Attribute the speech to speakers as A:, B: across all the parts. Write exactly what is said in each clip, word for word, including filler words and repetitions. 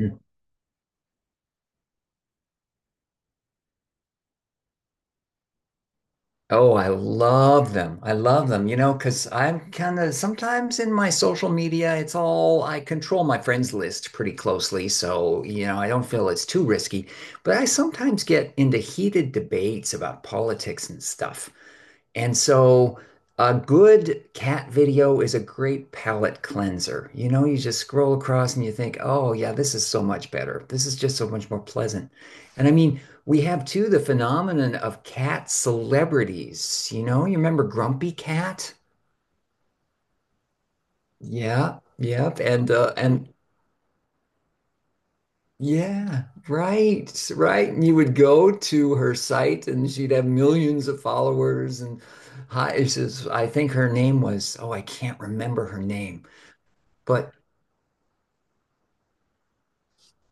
A: Mm. Oh, I love them. I love them, you know, because I'm kind of sometimes in my social media, it's all— I control my friends list pretty closely. So, you know, I don't feel it's too risky, but I sometimes get into heated debates about politics and stuff. And so a good cat video is a great palate cleanser. You know, you just scroll across and you think, oh, yeah, this is so much better. This is just so much more pleasant. And I mean, we have too the phenomenon of cat celebrities. You know, you remember Grumpy Cat? Yeah, yep, and uh, and yeah, right, right. And you would go to her site, and she'd have millions of followers. And hi, it says, I think her name was— oh, I can't remember her name, but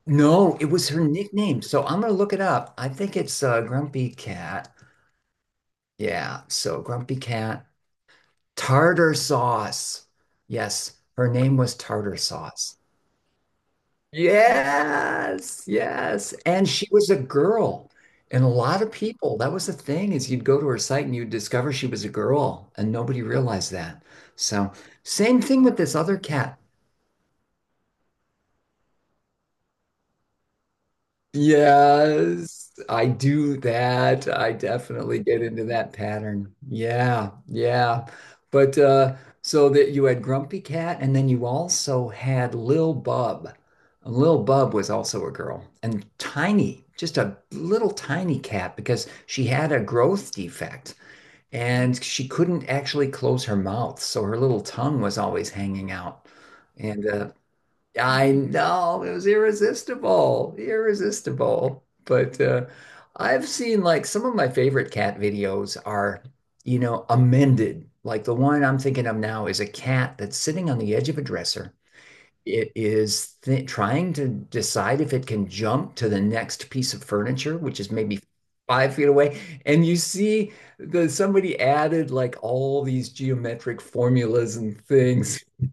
A: no, it was her nickname. So I'm gonna look it up. I think it's uh, Grumpy Cat. Yeah, so Grumpy Cat. Tartar sauce. Yes, her name was Tartar Sauce. Yes, yes. And she was a girl. And a lot of people, that was the thing, is you'd go to her site and you'd discover she was a girl, and nobody realized that. So, same thing with this other cat. Yes, I do that. I definitely get into that pattern. Yeah, yeah. But uh so that you had Grumpy Cat and then you also had Lil Bub. And Lil Bub was also a girl and tiny, just a little tiny cat because she had a growth defect and she couldn't actually close her mouth, so her little tongue was always hanging out. And uh, I know it was irresistible, irresistible. But uh, I've seen, like, some of my favorite cat videos are, you know, amended. Like the one I'm thinking of now is a cat that's sitting on the edge of a dresser— it is th trying to decide if it can jump to the next piece of furniture, which is maybe five feet away. And you see the somebody added like all these geometric formulas and things.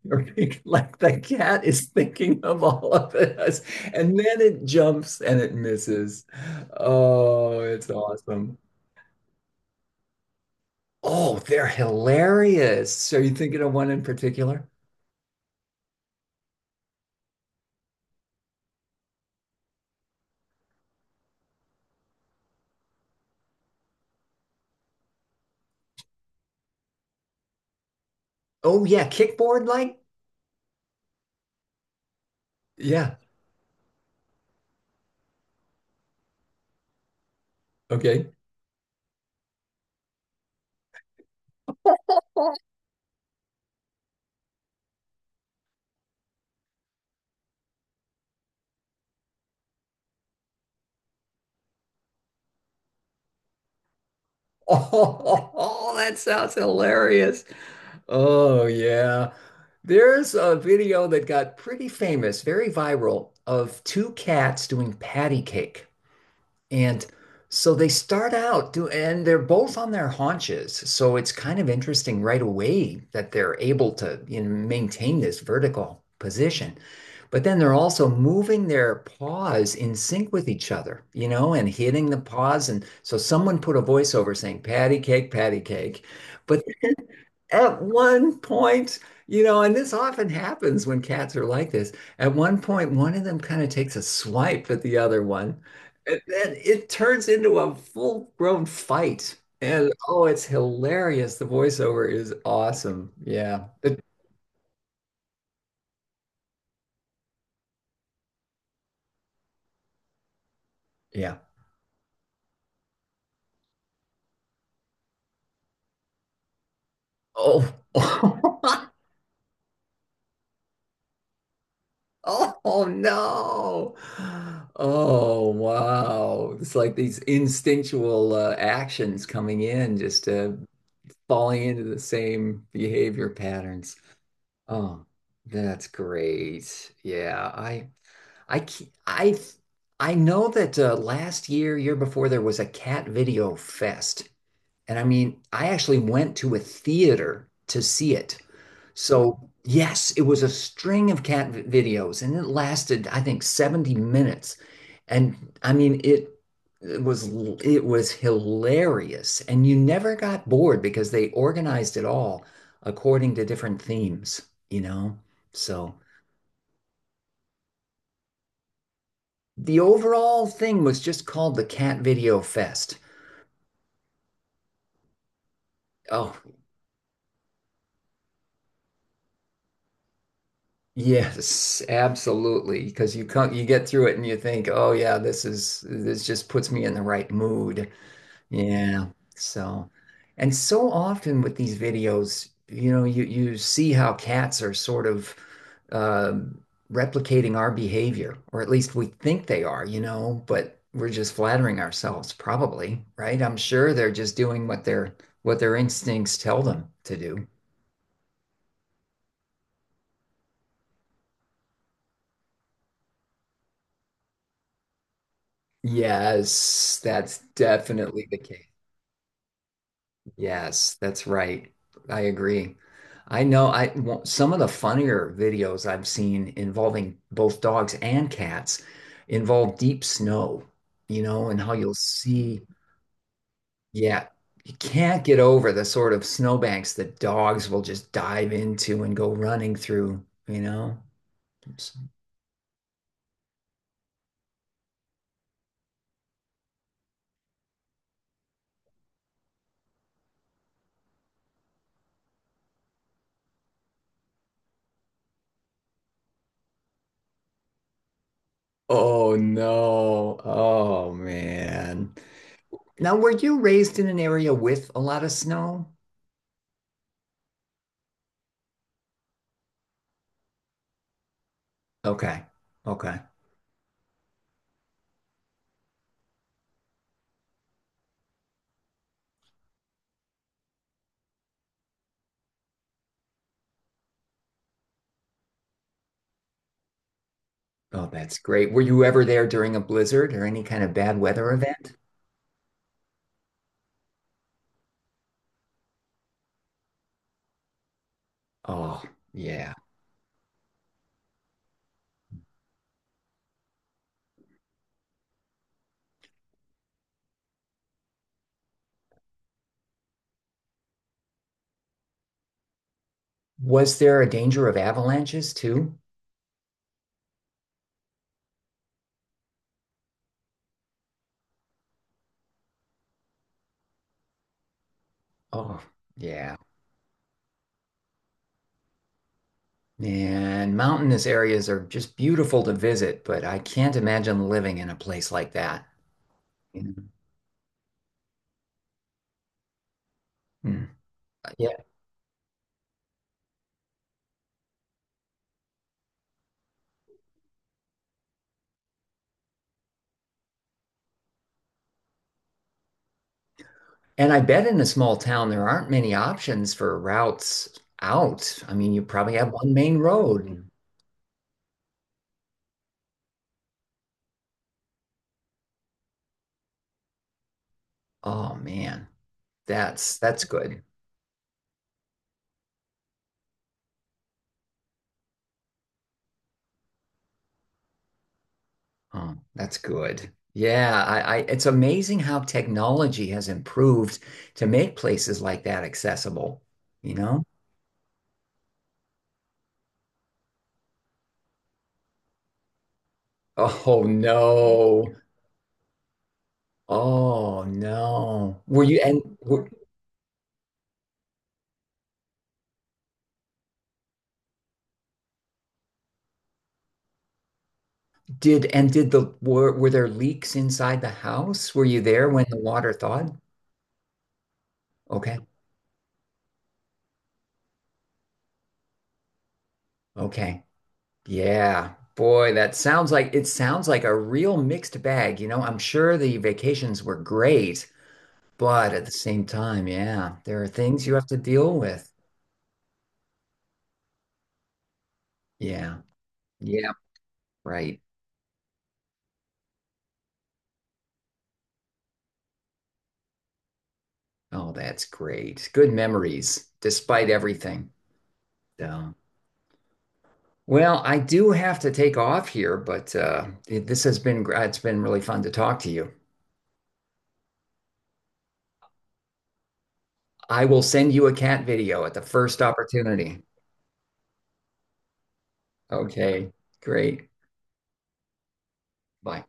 A: Like the cat is thinking of all of this. And then it jumps and it misses. Oh, it's awesome. Oh, they're hilarious. So, you thinking of one in particular? Oh yeah, kickboard like? Yeah. Okay. Oh, that sounds hilarious. Oh, yeah. There's a video that got pretty famous, very viral, of two cats doing patty cake. And so they start out do, and they're both on their haunches. So it's kind of interesting right away that they're able to, you know, maintain this vertical position. But then they're also moving their paws in sync with each other, you know, and hitting the paws. And so someone put a voiceover saying, patty cake, patty cake. But at one point, you know, and this often happens when cats are like this. At one point, one of them kind of takes a swipe at the other one, and then it turns into a full-grown fight. And oh, it's hilarious. The voiceover is awesome. Yeah. It- yeah. Oh. Oh no. Oh wow. It's like these instinctual uh, actions coming in just to— falling into the same behavior patterns. Oh, that's great. Yeah, I I ke- I I know that uh, last year, year before, there was a cat video fest, and I mean, I actually went to a theater to see it. So, yes, it was a string of cat vi- videos and it lasted, I think, seventy minutes. And I mean, it it was l- it was hilarious and you never got bored because they organized it all according to different themes, you know? So, the overall thing was just called the Cat Video Fest. Oh, yes, absolutely. Because you come, you get through it and you think, oh yeah, this is this just puts me in the right mood. Yeah. So, and so often with these videos, you know, you you see how cats are sort of um replicating our behavior, or at least we think they are, you know, but we're just flattering ourselves, probably, right? I'm sure they're just doing what their— what their instincts tell them to do. Yes, that's definitely the case. Yes, that's right. I agree. I know I w- some of the funnier videos I've seen involving both dogs and cats involve deep snow, you know, and how you'll see, yeah, you can't get over the sort of snowbanks that dogs will just dive into and go running through, you know? It's— oh no. Oh man. Now, were you raised in an area with a lot of snow? Okay. Okay. Oh, that's great. Were you ever there during a blizzard or any kind of bad weather event? Oh, yeah. Was there a danger of avalanches too? Oh, yeah. And mountainous areas are just beautiful to visit, but I can't imagine living in a place like that. You know? Hmm. Yeah. And I bet in a small town there aren't many options for routes out. I mean, you probably have one main road. Oh man, that's that's good. Oh, that's good. Yeah, I, I it's amazing how technology has improved to make places like that accessible, you know? Oh no. Oh no. Were you and were, did and did the were were there leaks inside the house? Were you there when the water thawed? Okay. Okay. Yeah. Boy, that sounds like it sounds like a real mixed bag, you know? I'm sure the vacations were great. But at the same time, yeah, there are things you have to deal with. Yeah. Yeah. Right. Oh, that's great. Good memories, despite everything. So, well, I do have to take off here, but uh, it- this has been, gr- it's been really fun to talk to you. I will send you a cat video at the first opportunity. Okay. Great. Bye.